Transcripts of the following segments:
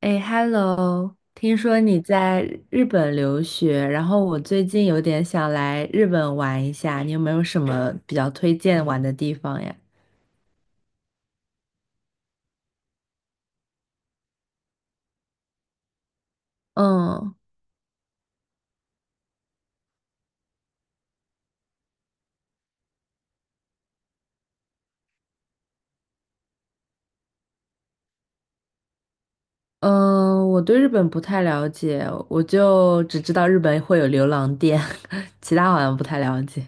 哎，Hello，听说你在日本留学，然后我最近有点想来日本玩一下，你有没有什么比较推荐玩的地方呀？嗯嗯，我对日本不太了解，我就只知道日本会有流浪店，其他好像不太了解。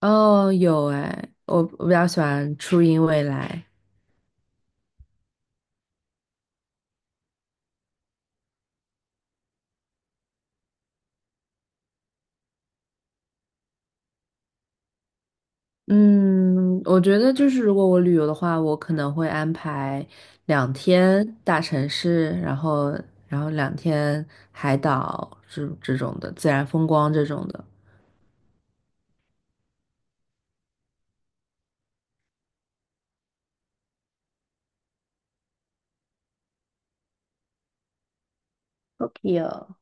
哦，有哎，我比较喜欢初音未来。嗯，我觉得就是如果我旅游的话，我可能会安排两天大城市，然后两天海岛这种的自然风光这种的。o k 哦，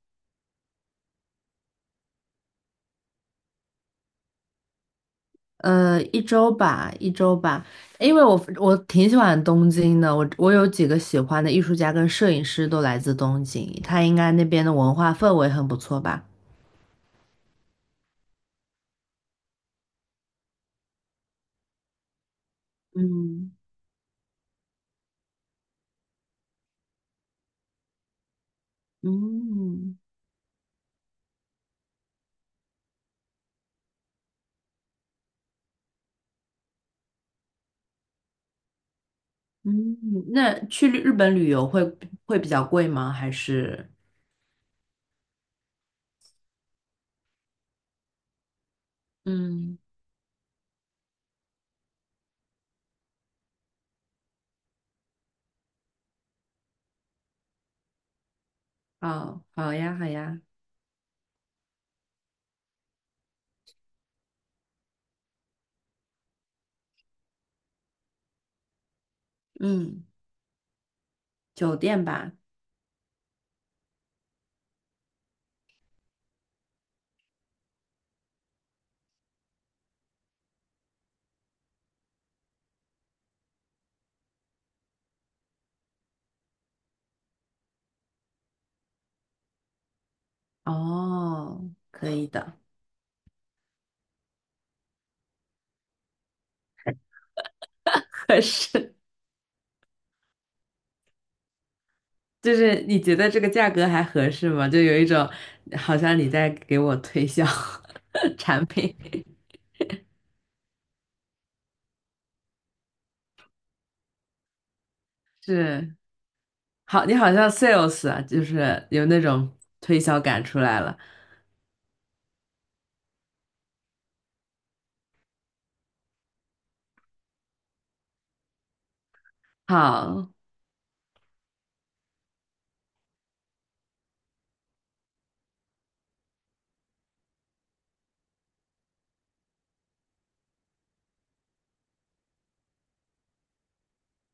一周吧，因为我挺喜欢东京的，我有几个喜欢的艺术家跟摄影师都来自东京，他应该那边的文化氛围很不错吧。嗯嗯。嗯，那去日本旅游会比较贵吗？还是嗯，好，好呀，好呀，嗯，酒店吧，哦，可以的。合适，就是你觉得这个价格还合适吗？就有一种好像你在给我推销 产品，是，好，你好像 sales 啊，就是有那种推销感出来了。好，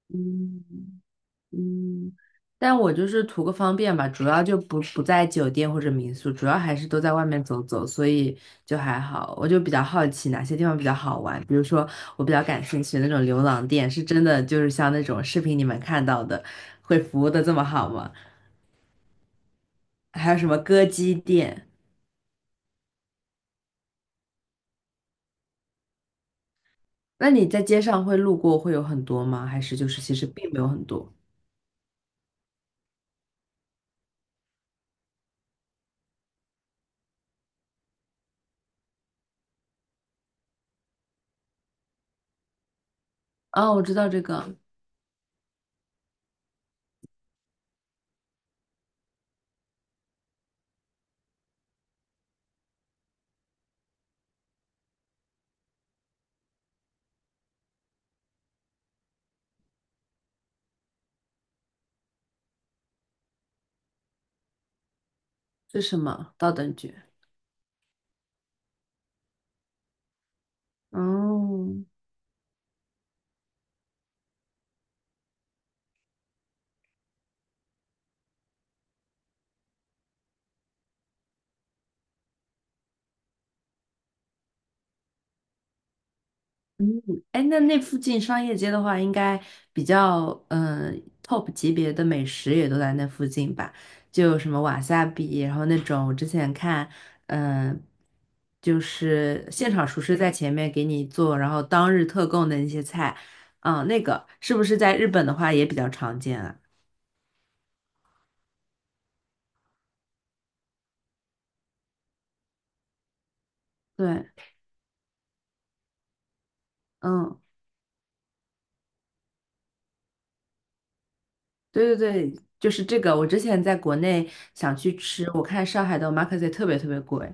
嗯。嗯，但我就是图个方便吧，主要就不在酒店或者民宿，主要还是都在外面走走，所以就还好。我就比较好奇哪些地方比较好玩，比如说我比较感兴趣的那种牛郎店，是真的就是像那种视频里面看到的，会服务的这么好吗？还有什么歌姬店？那你在街上会路过会有很多吗？还是就是其实并没有很多？哦，我知道这个是什么，高等局哦，嗯，哎，那附近商业街的话，应该比较top 级别的美食也都在那附近吧？就有什么瓦萨比，然后那种我之前看，嗯、就是现场厨师在前面给你做，然后当日特供的那些菜，那个是不是在日本的话也比较常见啊？对，嗯，对对对，就是这个。我之前在国内想去吃，我看上海的 omakase 特别特别贵，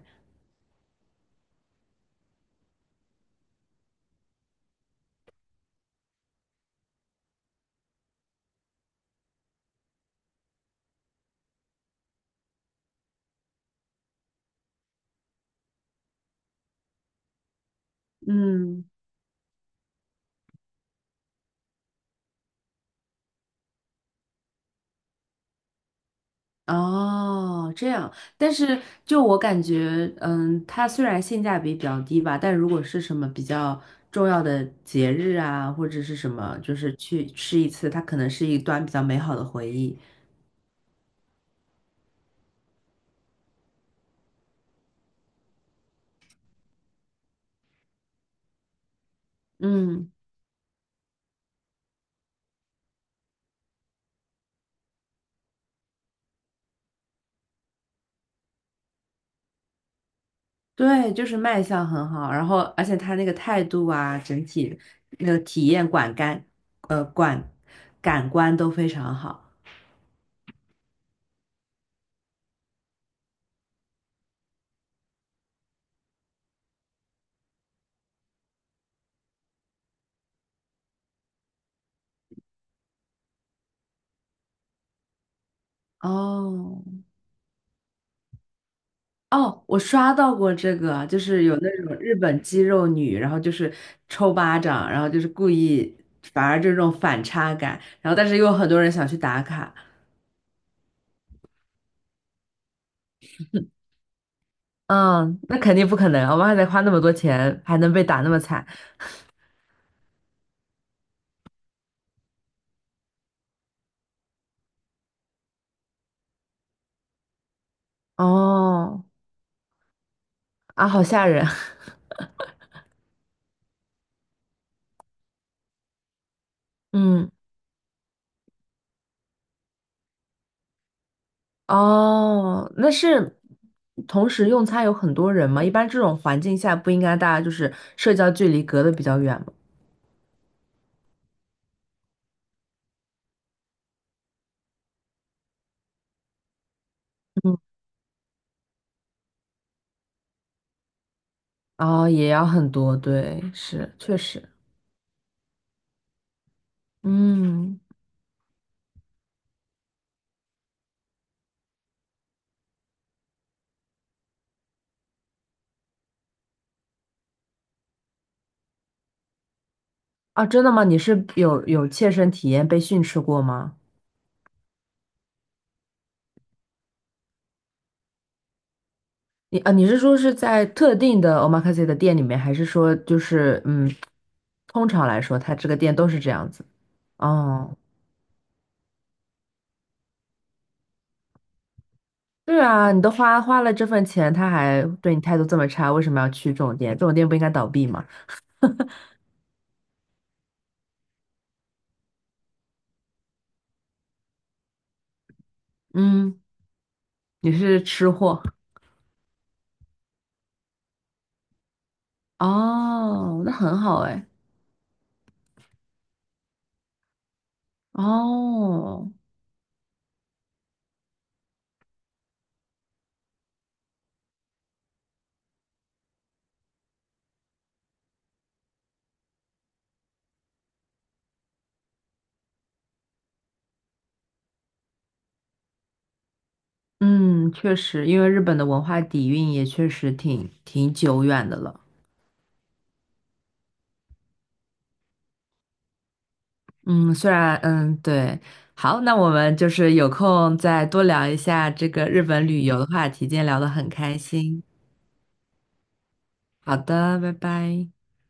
嗯。哦，这样，但是就我感觉，嗯，它虽然性价比比较低吧，但如果是什么比较重要的节日啊，或者是什么，就是去吃一次，它可能是一段比较美好的回忆。嗯，对，就是卖相很好，然后而且它那个态度啊，整体那个体验管干，管感官都非常好。哦，哦，我刷到过这个，就是有那种日本肌肉女，然后就是抽巴掌，然后就是故意，反而这种反差感，然后但是又有很多人想去打卡。嗯，那肯定不可能，我们还得花那么多钱，还能被打那么惨。哦，啊，好吓人。嗯，哦，那是同时用餐有很多人吗？一般这种环境下不应该大家就是社交距离隔得比较远吗？嗯，哦，也要很多，对，是，确实。嗯。啊，真的吗？你是有切身体验被训斥过吗？你啊，你是说是在特定的 omakase 的店里面，还是说就是嗯，通常来说，它这个店都是这样子？哦，对啊，你都花了这份钱，他还对你态度这么差，为什么要去这种店？这种店不应该倒闭吗？嗯，你是吃货哦，那很好哎。哦，嗯，确实，因为日本的文化底蕴也确实挺久远的了。嗯，虽然嗯对，好，那我们就是有空再多聊一下这个日本旅游的话题，今天聊得很开心。好的，拜拜。